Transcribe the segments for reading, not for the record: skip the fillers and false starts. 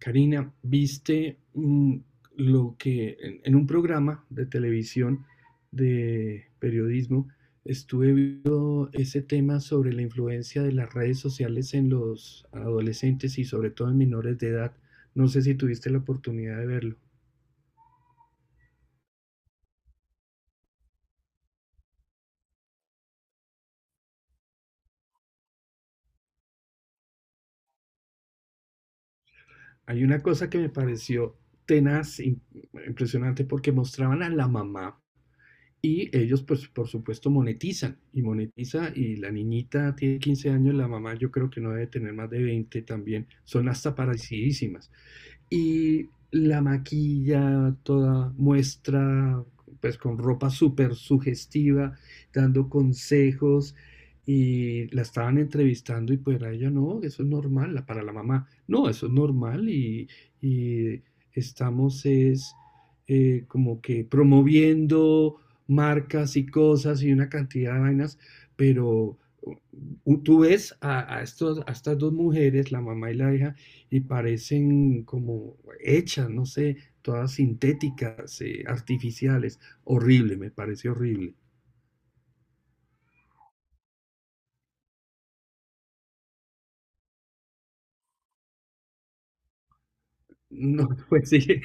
Karina, ¿viste lo que en un programa de televisión de periodismo estuve viendo ese tema sobre la influencia de las redes sociales en los adolescentes y sobre todo en menores de edad? No sé si tuviste la oportunidad de verlo. Hay una cosa que me pareció tenaz, impresionante, porque mostraban a la mamá. Y ellos, pues, por supuesto, monetizan y monetiza, y la niñita tiene 15 años, la mamá yo creo que no debe tener más de 20 también, son hasta parecidísimas, y la maquilla, toda muestra, pues, con ropa súper sugestiva, dando consejos, y la estaban entrevistando y pues a ella no, eso es normal, para la mamá, no, eso es normal. Y estamos es como que promoviendo marcas y cosas y una cantidad de vainas, pero tú ves a, a estas dos mujeres, la mamá y la hija, y parecen como hechas, no sé, todas sintéticas, artificiales. Horrible, me parece horrible. No, pues sí.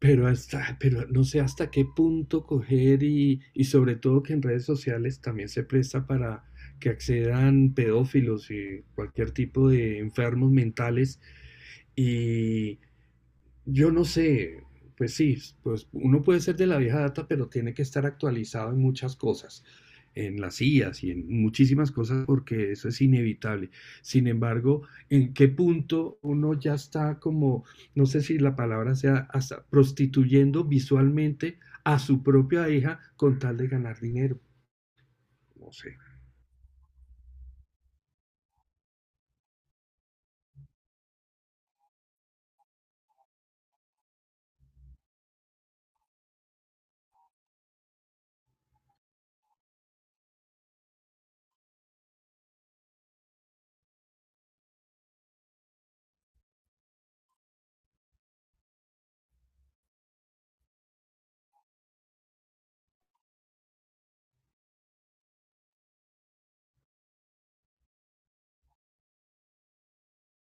Pero hasta, pero no sé hasta qué punto coger y sobre todo que en redes sociales también se presta para que accedan pedófilos y cualquier tipo de enfermos mentales, y yo no sé, pues sí, pues uno puede ser de la vieja data, pero tiene que estar actualizado en muchas cosas, en las IAs y en muchísimas cosas, porque eso es inevitable. Sin embargo, ¿en qué punto uno ya está como, no sé si la palabra sea, hasta prostituyendo visualmente a su propia hija con tal de ganar dinero? No sé.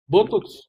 Botox.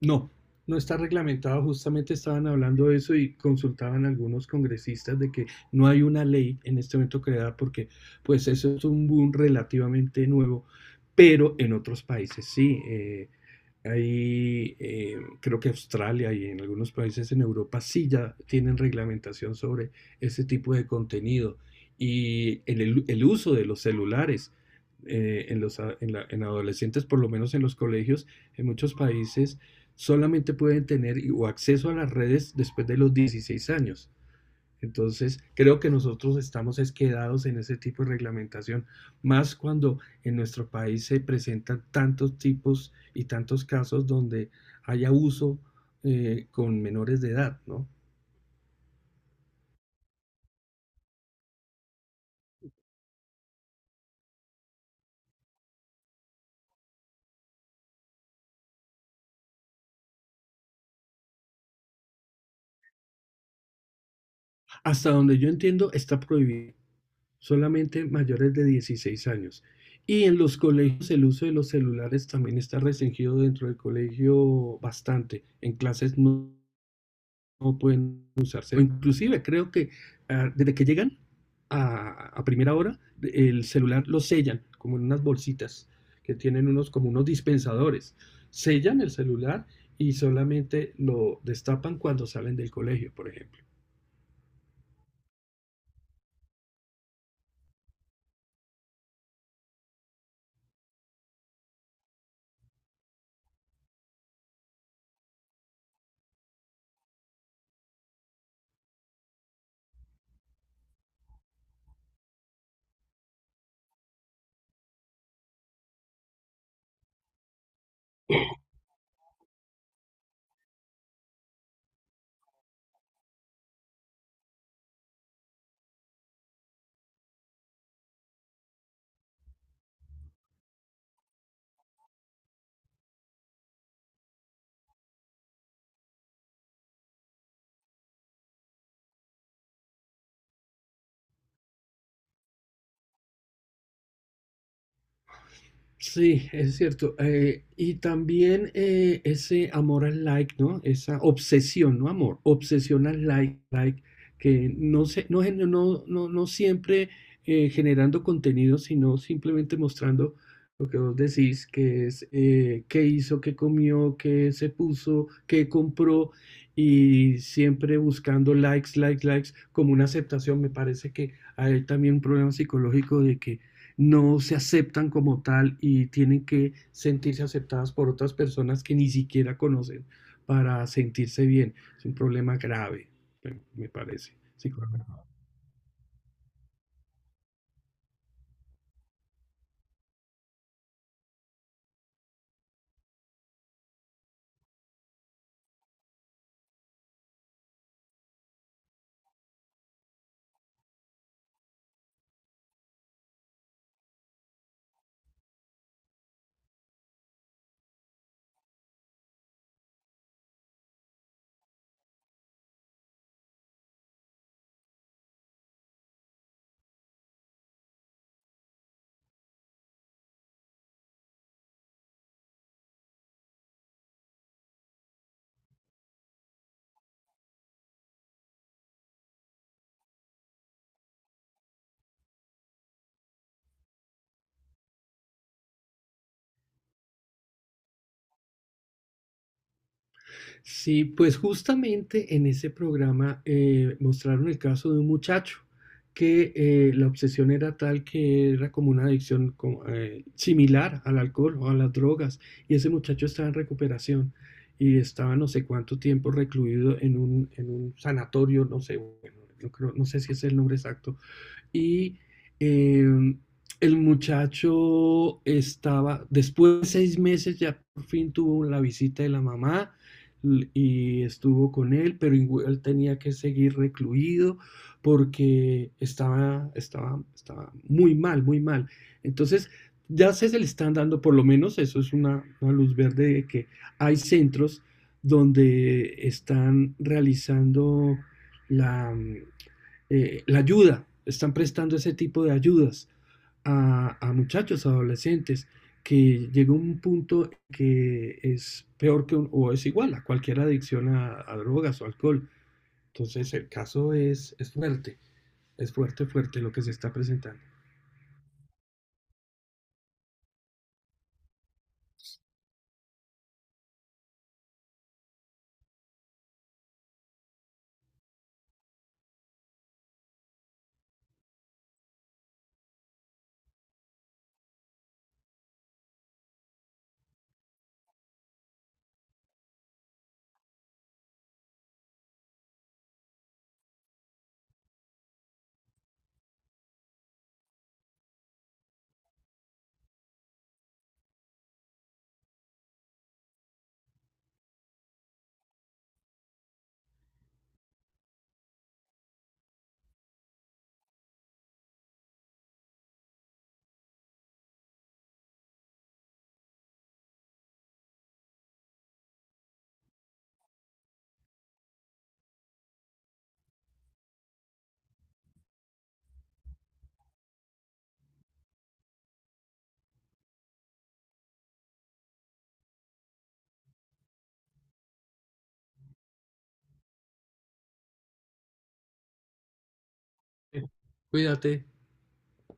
No, no está reglamentado. Justamente estaban hablando de eso y consultaban algunos congresistas de que no hay una ley en este momento creada, porque pues eso es un boom relativamente nuevo, pero en otros países sí. Hay, eh, Creo que Australia y en algunos países en Europa sí ya tienen reglamentación sobre ese tipo de contenido y el uso de los celulares en, los, en en adolescentes, por lo menos en los colegios, en muchos países solamente pueden tener o acceso a las redes después de los 16 años. Entonces, creo que nosotros estamos quedados en ese tipo de reglamentación, más cuando en nuestro país se presentan tantos tipos y tantos casos donde hay abuso con menores de edad, ¿no? Hasta donde yo entiendo, está prohibido solamente mayores de 16 años. Y en los colegios el uso de los celulares también está restringido dentro del colegio bastante, en clases no pueden usarse. O inclusive creo que desde que llegan a primera hora, el celular lo sellan como en unas bolsitas que tienen unos como unos dispensadores. Sellan el celular y solamente lo destapan cuando salen del colegio, por ejemplo. Sí, es cierto. Y también ese amor al like, ¿no? Esa obsesión, no amor, obsesión al like, like, que no se, no, gen- no, no, no siempre generando contenido, sino simplemente mostrando lo que vos decís, que es qué hizo, qué comió, qué se puso, qué compró, y siempre buscando likes, likes, likes, como una aceptación. Me parece que hay también un problema psicológico de que no se aceptan como tal y tienen que sentirse aceptadas por otras personas que ni siquiera conocen para sentirse bien. Es un problema grave, me parece. Sí, claro. Sí, pues justamente en ese programa mostraron el caso de un muchacho que la obsesión era tal que era como una adicción como, similar al alcohol o a las drogas, y ese muchacho estaba en recuperación y estaba no sé cuánto tiempo recluido en en un sanatorio, no sé, bueno, no, no sé si es el nombre exacto, y eh, el muchacho estaba, después de 6 meses ya por fin tuvo la visita de la mamá y estuvo con él, pero él tenía que seguir recluido porque estaba muy mal, muy mal. Entonces, ya se le están dando, por lo menos eso es una luz verde de que hay centros donde están realizando la, la ayuda, están prestando ese tipo de ayudas a muchachos, adolescentes, que llega un punto que es peor que un, o es igual a cualquier adicción a drogas o alcohol. Entonces el caso es fuerte, fuerte lo que se está presentando. Cuídate.